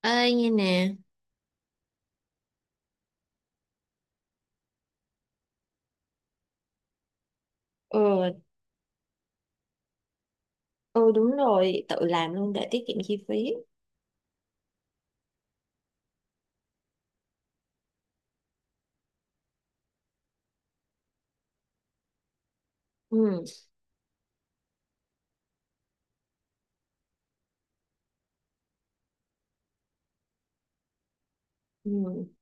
Ơi, nghe nè. Ừ. Ừ, đúng rồi, tự làm luôn để tiết kiệm chi phí. Ừ. Ừ.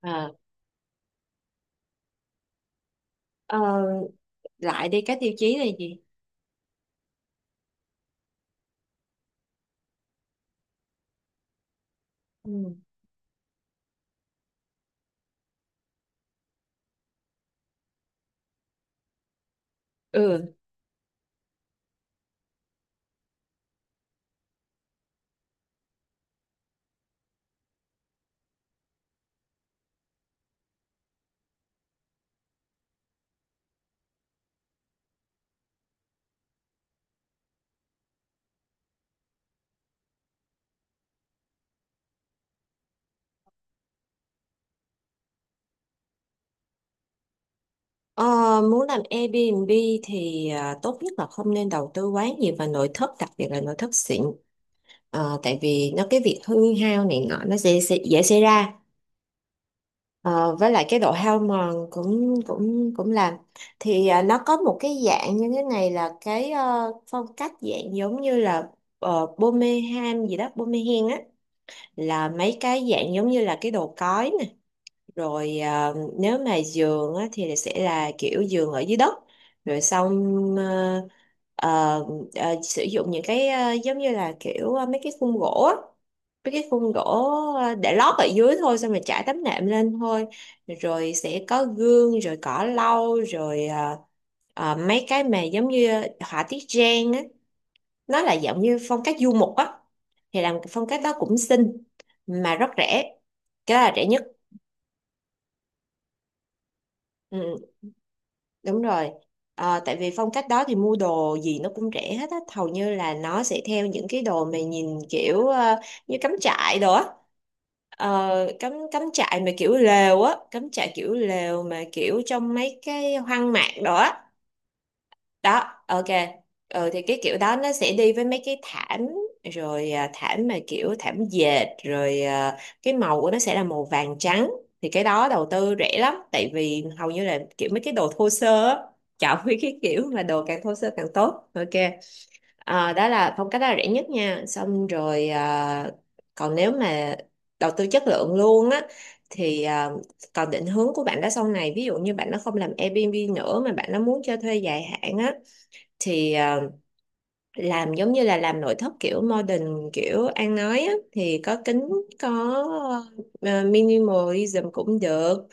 Ờ, ờ, lại đây, các tiêu chí là gì? Ừ. Ừ. ờ, Muốn làm Airbnb thì tốt nhất là không nên đầu tư quá nhiều vào nội thất, đặc biệt là nội thất xịn. Ờ, tại vì nó cái việc hư hao này nọ nó sẽ dễ xảy ra. Ờ, với lại cái độ hao mòn cũng cũng cũng làm. Thì nó có một cái dạng như thế này là cái phong cách dạng giống như là Birmingham gì đó, Birmingham á. Là mấy cái dạng giống như là cái đồ cói nè, rồi nếu mà giường á, thì sẽ là kiểu giường ở dưới đất. Rồi xong, ờ, ờ, sử dụng những cái giống như là kiểu mấy cái khung gỗ để lót ở dưới thôi, xong rồi trải tấm nệm lên thôi. Rồi sẽ có gương, rồi cỏ lau, rồi mấy cái mà giống như họa tiết Giang á, nó là giống như phong cách du mục á. Thì làm cái phong cách đó cũng xinh mà rất rẻ, cái đó là rẻ nhất. Ừ, đúng rồi. Ờ, tại vì phong cách đó thì mua đồ gì nó cũng rẻ hết á, hầu như là nó sẽ theo những cái đồ mà nhìn kiểu như cắm trại đồ á. Ờ, cắm cắm trại mà kiểu lều á, cắm trại kiểu lều mà kiểu trong mấy cái hoang mạc đó. Đó, ok. Ừ, thì cái kiểu đó nó sẽ đi với mấy cái thảm, rồi thảm mà kiểu thảm dệt, rồi cái màu của nó sẽ là màu vàng trắng. Thì cái đó đầu tư rẻ lắm, tại vì hầu như là kiểu mấy cái đồ thô sơ á, chọn mấy cái kiểu mà đồ càng thô sơ càng tốt, ok. Ờ, đó là phong cách đó là rẻ nhất nha, xong rồi còn nếu mà đầu tư chất lượng luôn á thì còn định hướng của bạn đó sau này, ví dụ như bạn nó không làm Airbnb nữa mà bạn nó muốn cho thuê dài hạn á, thì làm giống như là làm nội thất kiểu modern kiểu An nói á, thì có kính, có ờ, minimalism cũng được.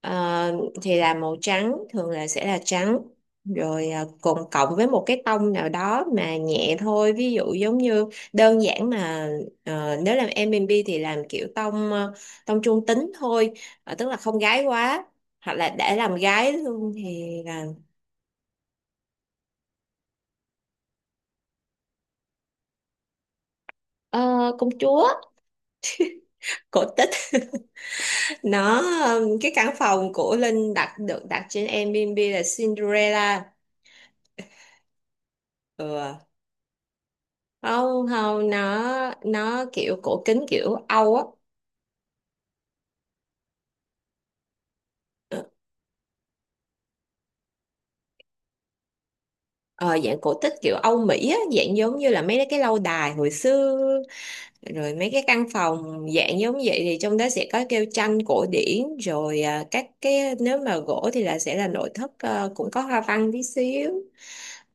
Ờ, thì là màu trắng, thường là sẽ là trắng, rồi cùng cộng với một cái tông nào đó mà nhẹ thôi, ví dụ giống như đơn giản mà nếu làm M&B thì làm kiểu tông tông trung tính thôi. Ờ, tức là không gái quá, hoặc là để làm gái luôn thì là ờ, công chúa, cổ tích. Nó cái căn phòng của Linh đặt được đặt trên Airbnb là Cinderella. Ừ. Không không, nó nó kiểu cổ kính kiểu Âu á. ờ, ờ, Dạng cổ tích kiểu Âu Mỹ á, dạng giống như là mấy cái lâu đài hồi xưa, rồi mấy cái căn phòng dạng giống vậy. Thì trong đó sẽ có kêu tranh cổ điển, rồi các cái nếu mà gỗ thì là sẽ là nội thất cũng có hoa văn tí xíu.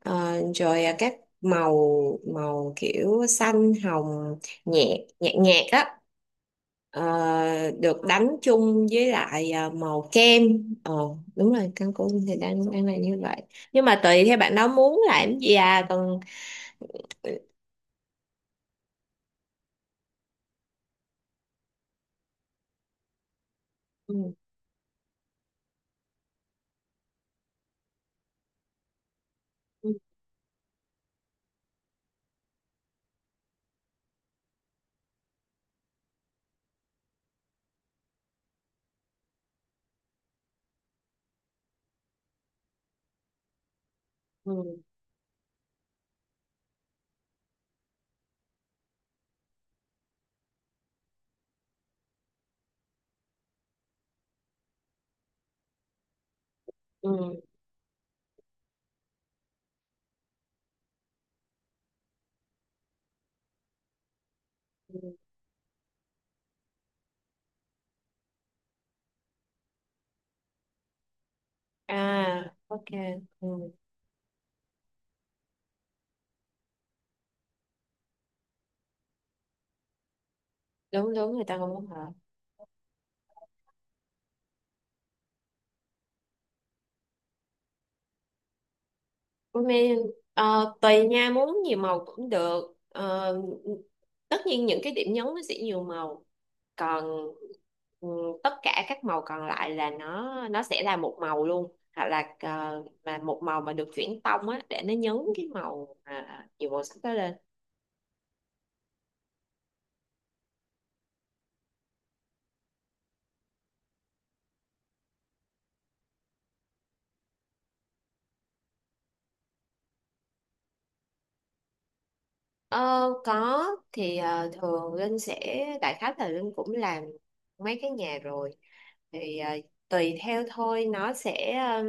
Ờ, rồi các màu, màu kiểu xanh hồng, nhẹ, nhạt nhạt á. ờ, Được đánh chung với lại màu kem. ờ Đúng rồi, căn cũng thì đang đang là như vậy, nhưng mà tùy theo bạn đó muốn làm gì à còn. Ừ. Ừ. Ừ. Ừ. Ừ. Ừ. À, ok. Ừ. Đúng đúng, người ta không muốn hả. Ủa mẹ, ờ, tùy nha, muốn nhiều màu cũng được. Ờ, tất nhiên những cái điểm nhấn nó sẽ nhiều màu, còn ừ, tất cả các màu còn lại là nó sẽ là một màu luôn, hoặc là mà một màu mà được chuyển tông á, để nó nhấn cái màu mà nhiều màu sắc đó lên. Ờ, có. Thì thường Linh sẽ đại khái là Linh cũng làm mấy cái nhà rồi, thì tùy theo thôi, nó sẽ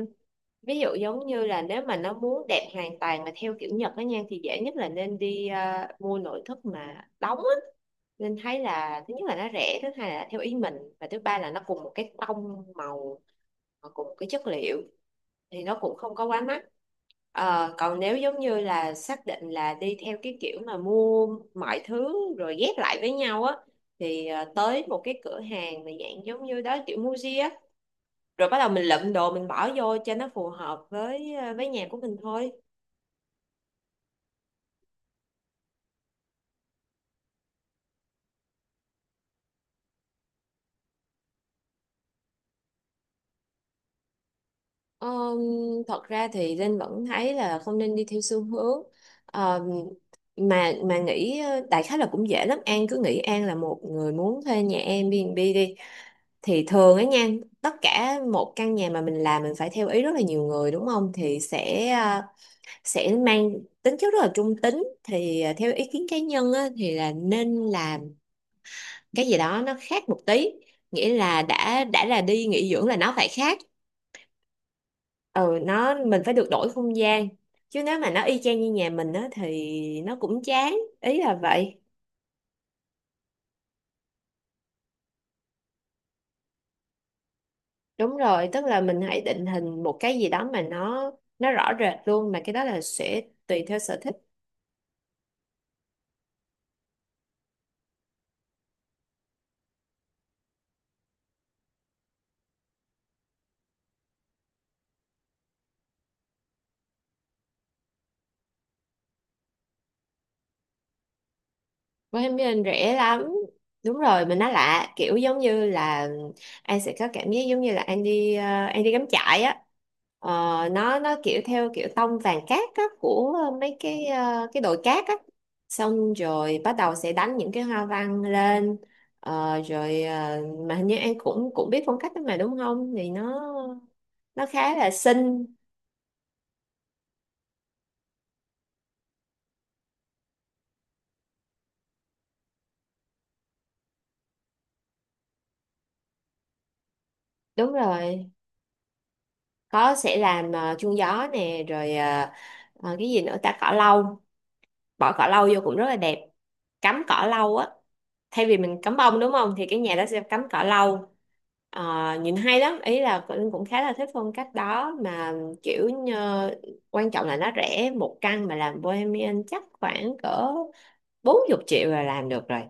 ví dụ giống như là nếu mà nó muốn đẹp hoàn toàn mà theo kiểu Nhật á nha, thì dễ nhất là nên đi mua nội thất mà đóng á. Linh thấy là thứ nhất là nó rẻ, thứ hai là theo ý mình, và thứ ba là nó cùng một cái tông màu, cùng một cái chất liệu, thì nó cũng không có quá mắc. Ờ, còn nếu giống như là xác định là đi theo cái kiểu mà mua mọi thứ rồi ghép lại với nhau á, thì tới một cái cửa hàng mà dạng giống như đó kiểu Muji á, rồi bắt đầu mình lượm đồ mình bỏ vô cho nó phù hợp với với nhà của mình thôi. Ờm, thật ra thì Linh vẫn thấy là không nên đi theo xu hướng. Ờm, mà nghĩ đại khái là cũng dễ lắm, An cứ nghĩ An là một người muốn thuê nhà Airbnb đi, thì thường ấy nha, tất cả một căn nhà mà mình làm mình phải theo ý rất là nhiều người đúng không, thì sẽ sẽ mang tính chất rất là trung tính. Thì theo ý kiến cá nhân á, thì là nên làm cái gì đó nó khác một tí, nghĩa là đã là đi nghỉ dưỡng là nó phải khác. Ừ, nó mình phải được đổi không gian, chứ nếu mà nó y chang như nhà mình á thì nó cũng chán, ý là vậy. Đúng rồi, tức là mình hãy định hình một cái gì đó mà nó rõ rệt luôn, mà cái đó là sẽ tùy theo sở thích. Bohemian rẻ lắm. Đúng rồi, mình nói lạ kiểu giống như là anh sẽ có cảm giác giống như là anh đi anh đi cắm trại á. Ờ, nó kiểu theo kiểu tông vàng cát á, của mấy cái cái đồi cát á, xong rồi bắt đầu sẽ đánh những cái hoa văn lên. Ờ, rồi mà hình như anh cũng cũng biết phong cách đó mà đúng không, thì nó khá là xinh. Đúng rồi. Có, sẽ làm chuông gió nè, rồi cái gì nữa ta, cỏ lâu, bỏ cỏ lau vô cũng rất là đẹp, cắm cỏ lau á, thay vì mình cắm bông đúng không, thì cái nhà đó sẽ cắm cỏ lau. Ờ, nhìn hay lắm, ý là Linh cũng khá là thích phong cách đó mà, kiểu như, quan trọng là nó rẻ. Một căn mà làm Bohemian chắc khoảng cỡ 40 triệu là làm được rồi,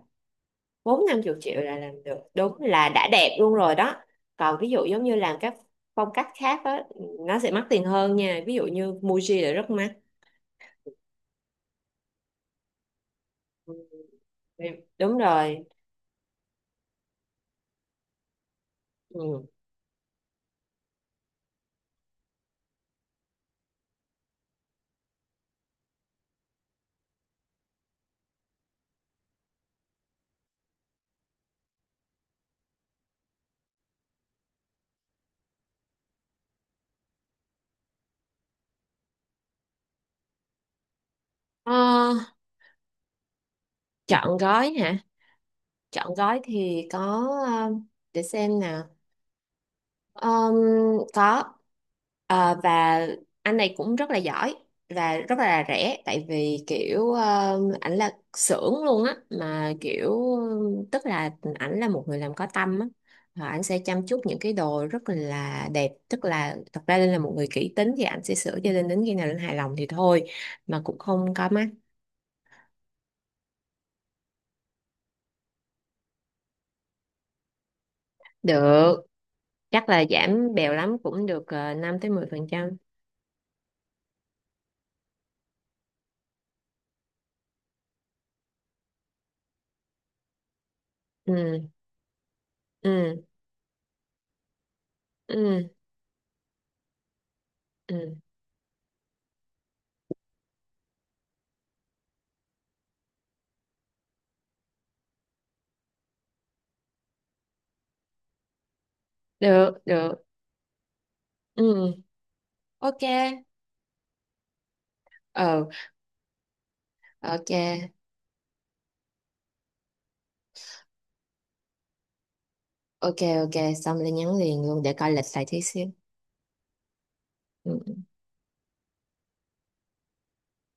bốn năm chục triệu là làm được, đúng là đã đẹp luôn rồi đó. Còn ví dụ giống như làm các phong cách khác á, nó sẽ mắc tiền hơn nha, ví dụ như Muji là rất mắc. Ừ, đúng rồi. Ừ. Ờ, Chọn gói hả? Chọn gói thì có. um, để xem nào. Um, có. Ờ, và anh này cũng rất là giỏi và rất là rẻ, tại vì kiểu ảnh là xưởng luôn á, mà kiểu tức là ảnh là một người làm có tâm á, và ảnh sẽ chăm chút những cái đồ rất là đẹp. Tức là thật ra Linh là một người kỹ tính thì ảnh sẽ sửa cho Linh đến khi nào Linh hài lòng thì thôi, mà cũng không có mắc. Được, chắc là giảm bèo lắm cũng được, ờ, 5 tới mười phần trăm. Ừ. Ừ. Ừ. Ừ. Được được. Ừ. Ok. Ờ. Ok. Ok. Ok, xong lên nhắn liền luôn để coi lịch lại tí xíu. Ừ.